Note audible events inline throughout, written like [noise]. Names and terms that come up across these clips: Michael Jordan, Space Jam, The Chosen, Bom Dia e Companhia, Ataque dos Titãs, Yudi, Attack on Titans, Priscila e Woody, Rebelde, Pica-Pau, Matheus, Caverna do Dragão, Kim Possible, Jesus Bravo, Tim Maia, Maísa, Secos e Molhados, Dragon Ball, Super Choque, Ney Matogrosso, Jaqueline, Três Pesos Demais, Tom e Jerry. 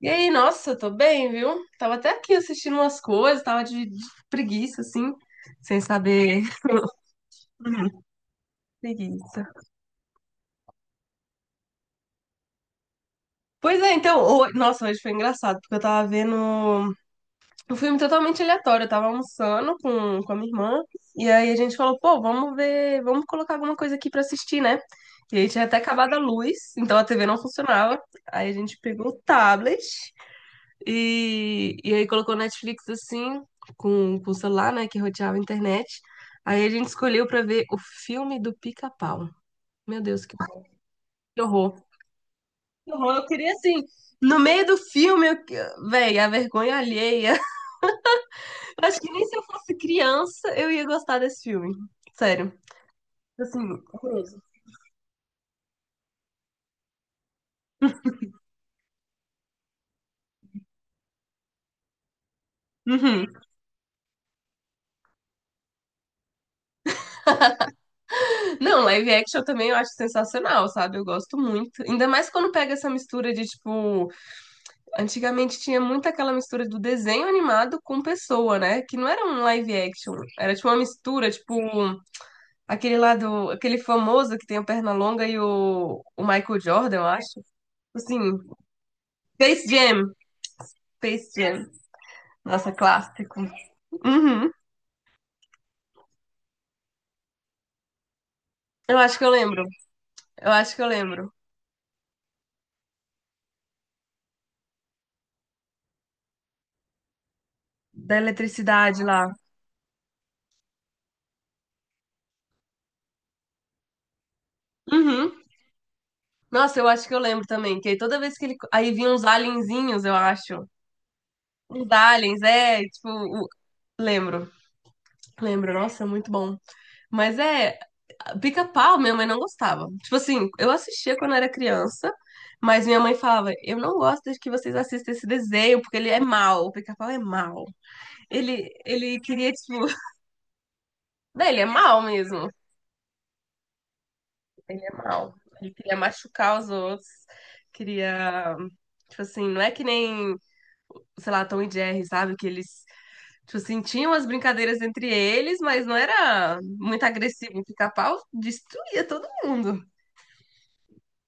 E aí, nossa, eu tô bem, viu? Tava até aqui assistindo umas coisas, tava de preguiça, assim, sem saber. Uhum. Preguiça. Pois é, então, nossa, hoje foi engraçado, porque eu tava vendo um filme totalmente aleatório. Eu tava almoçando com a minha irmã, e aí a gente falou, pô, vamos ver, vamos colocar alguma coisa aqui pra assistir, né? E aí tinha até acabado a luz, então a TV não funcionava. Aí a gente pegou o tablet. E aí colocou Netflix assim, com o celular, né, que roteava a internet. Aí a gente escolheu pra ver o filme do Pica-Pau. Meu Deus, que horror. Que horror, eu queria assim. No meio do filme, eu... véi, a vergonha alheia. [laughs] Eu acho que nem se eu fosse criança eu ia gostar desse filme. Sério. Assim, horroroso. Uhum. Não, live action também eu acho sensacional, sabe? Eu gosto muito. Ainda mais quando pega essa mistura de, tipo, antigamente tinha muito aquela mistura do desenho animado com pessoa, né? Que não era um live action, era tipo uma mistura, aquele lá do, aquele famoso que tem a perna longa e o Michael Jordan, eu acho. Assim, Space Jam, Space Jam. Nossa, clássico. Uhum. Eu acho que eu lembro. Eu acho que eu lembro da eletricidade lá. Uhum. Nossa, eu acho que eu lembro também, que aí toda vez que ele aí vinha uns alienzinhos, eu acho. Uns aliens, é, tipo, lembro. Lembro, nossa, muito bom. Mas é, pica-pau, minha mãe não gostava. Tipo assim, eu assistia quando era criança, mas minha mãe falava: Eu não gosto de que vocês assistam esse desenho, porque ele é mau, o pica-pau é mau. Ele queria, tipo. [laughs] Não, ele é mau mesmo. Ele é mau. Ele queria machucar os outros, queria. Tipo assim, não é que nem, sei lá, Tom e Jerry, sabe? Que eles. Tipo assim, tinham as brincadeiras entre eles, mas não era muito agressivo. O pica-pau destruía todo mundo.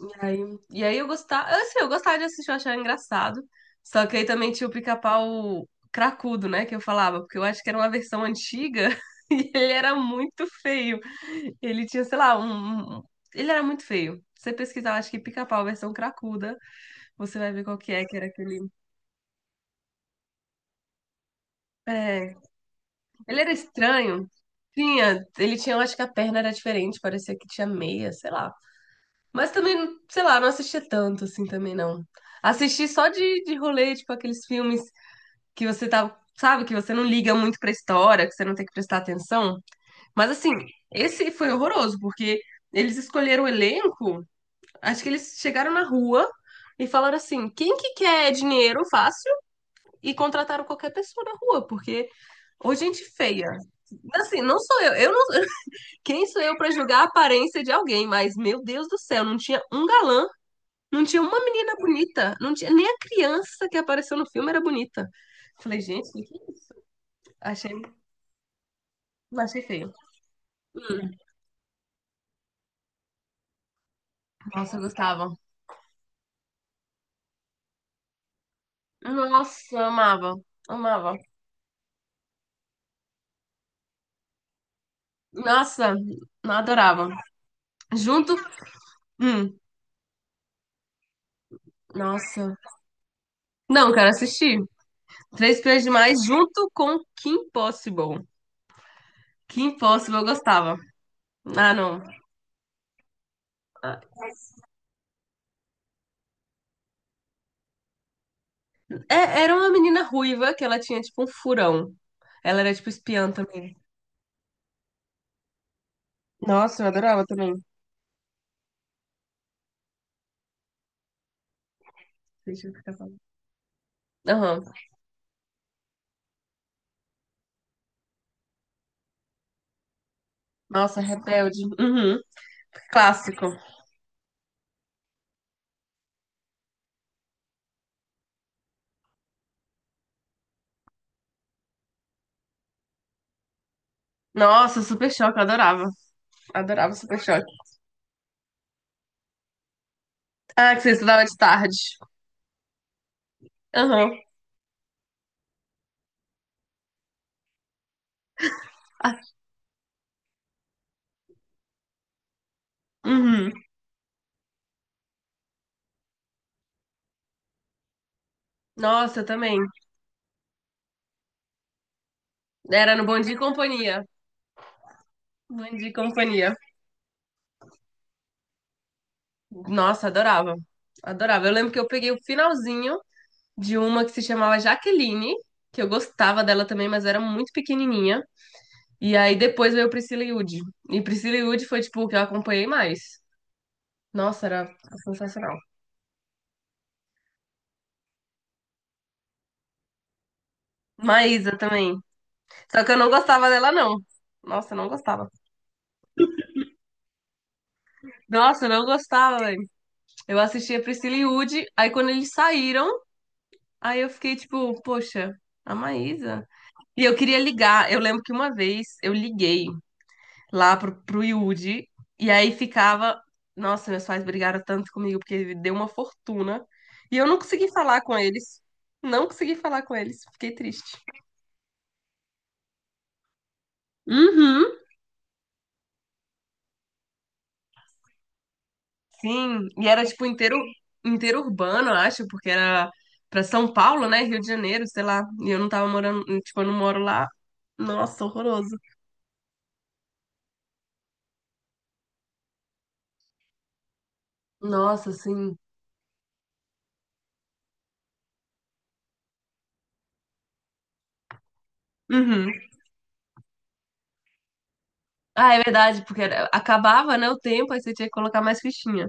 E aí, e aí eu gostava, assim, eu gostava de assistir, eu achava engraçado. Só que aí também tinha o pica-pau cracudo, né, que eu falava, porque eu acho que era uma versão antiga [laughs] e ele era muito feio. Ele tinha, sei lá, ele era muito feio. Você pesquisar, acho que pica-pau versão cracuda, você vai ver qual que é, que era aquele. É, ele era estranho. Tinha, ele tinha, eu acho que a perna era diferente, parecia que tinha meia, sei lá. Mas também, sei lá, não assistia tanto assim também não. Assisti só de rolê, tipo aqueles filmes que você tá, sabe, que você não liga muito pra história, que você não tem que prestar atenção. Mas assim, esse foi horroroso, porque eles escolheram o elenco, acho que eles chegaram na rua e falaram assim: "Quem que quer dinheiro fácil?" e contrataram qualquer pessoa na rua, porque ou gente feia. Assim, não sou eu não, [laughs] quem sou eu pra julgar a aparência de alguém, mas meu Deus do céu, não tinha um galã, não tinha uma menina bonita, não tinha nem a criança que apareceu no filme era bonita. Falei, gente, o que que é isso? Achei, achei feio. Hum, nossa, eu gostava. Nossa, eu amava. Amava. Nossa, não adorava. Junto. Hum, nossa. Não, cara, assisti. Três Pesos Demais junto com Kim Possible. Kim Possible eu gostava. Ah, não. É- era uma menina ruiva que ela tinha tipo um furão. Ela era tipo espiã também. Nossa, eu adorava também. Deixa eu ficar falando. Aham. Nossa, Rebelde. Uhum. Clássico. Nossa, Super Choque, eu adorava. Adorava Super Choque. Ah, que você estudava de tarde. Aham. Ah, uhum. Nossa, eu também. Era no Bom Dia e Companhia. Bom Dia e Companhia. Nossa, adorava. Adorava. Eu lembro que eu peguei o finalzinho de uma que se chamava Jaqueline, que eu gostava dela também, mas eu era muito pequenininha. E aí depois veio Priscila e Woody. E Priscila e Woody foi, tipo, o que eu acompanhei mais. Nossa, era sensacional. Maísa também. Só que eu não gostava dela, não. Nossa, eu não gostava. Nossa, eu não gostava, velho. Eu assistia Priscila e Woody, aí quando eles saíram, aí eu fiquei tipo, poxa, a Maísa. E eu queria ligar. Eu lembro que uma vez eu liguei lá pro Yudi, e aí ficava. Nossa, meus pais brigaram tanto comigo porque ele deu uma fortuna. E eu não consegui falar com eles. Não consegui falar com eles. Fiquei triste. Uhum. Sim, e era tipo inteiro urbano, eu acho, porque era pra São Paulo, né? Rio de Janeiro, sei lá. E eu não tava morando, tipo, eu não moro lá. Nossa, horroroso. Nossa, sim. Uhum. Ah, é verdade, porque acabava, né, o tempo, aí você tinha que colocar mais fichinha.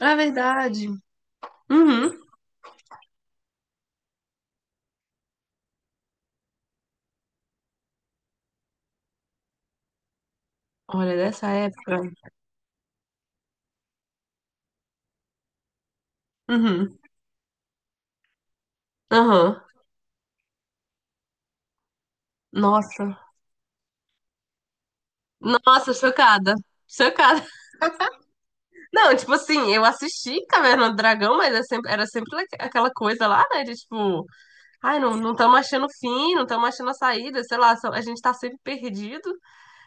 Ah, é verdade. Uhum. Olha, dessa época. Uhum. Aham. Nossa. Nossa, chocada. Chocada. [laughs] Não, tipo assim, eu assisti Caverna do Dragão, mas era sempre, aquela coisa lá, né? De tipo. Ai, não, não estamos achando fim, não estamos achando a saída, sei lá, a gente está sempre perdido.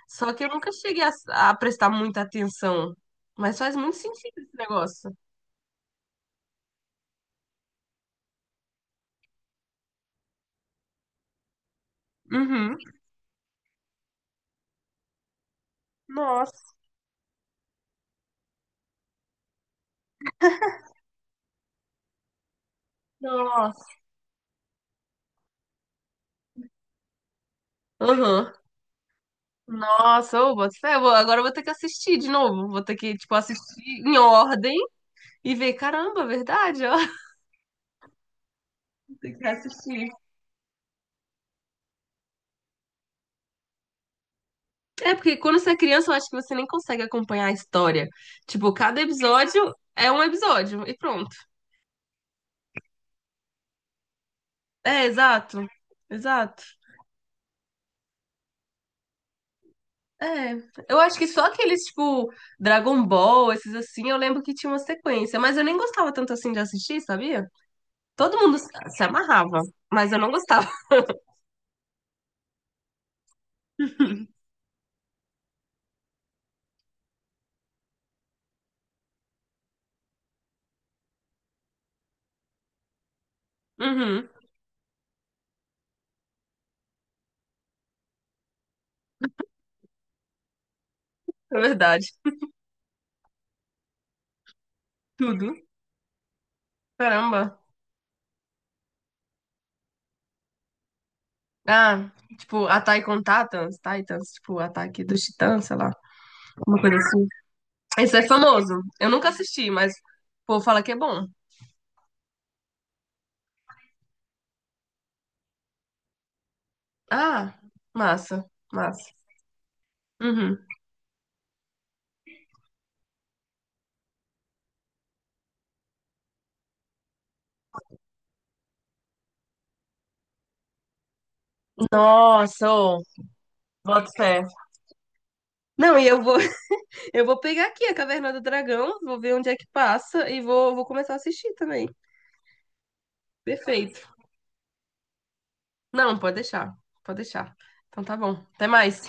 Só que eu nunca cheguei a prestar muita atenção. Mas faz muito sentido esse negócio. Uhum. Nossa, nossa. Uhum. Nossa, ô, boto fé, agora eu vou ter que assistir de novo. Vou ter que, tipo, assistir em ordem e ver, caramba, verdade, ó. [laughs] Tem que assistir. É, porque quando você é criança, eu acho que você nem consegue acompanhar a história. Tipo, cada episódio é um episódio e pronto. É, exato. Exato. É, eu acho que só aqueles, tipo, Dragon Ball, esses assim, eu lembro que tinha uma sequência, mas eu nem gostava tanto assim de assistir, sabia? Todo mundo se amarrava, mas eu não gostava. [laughs] Uhum, é verdade. Tudo. Caramba. Ah, tipo, Attack on Titans, Titans, tipo, Ataque dos Titãs, sei lá, uma coisa assim. Esse é famoso. Eu nunca assisti, mas o povo fala que é bom. Ah, massa, massa. Uhum. Nossa, ô, boto fé. Não, e eu vou Eu vou pegar aqui a Caverna do Dragão, vou ver onde é que passa e vou, vou começar a assistir também. Perfeito. Não, pode deixar. Pode deixar. Então tá bom. Até mais.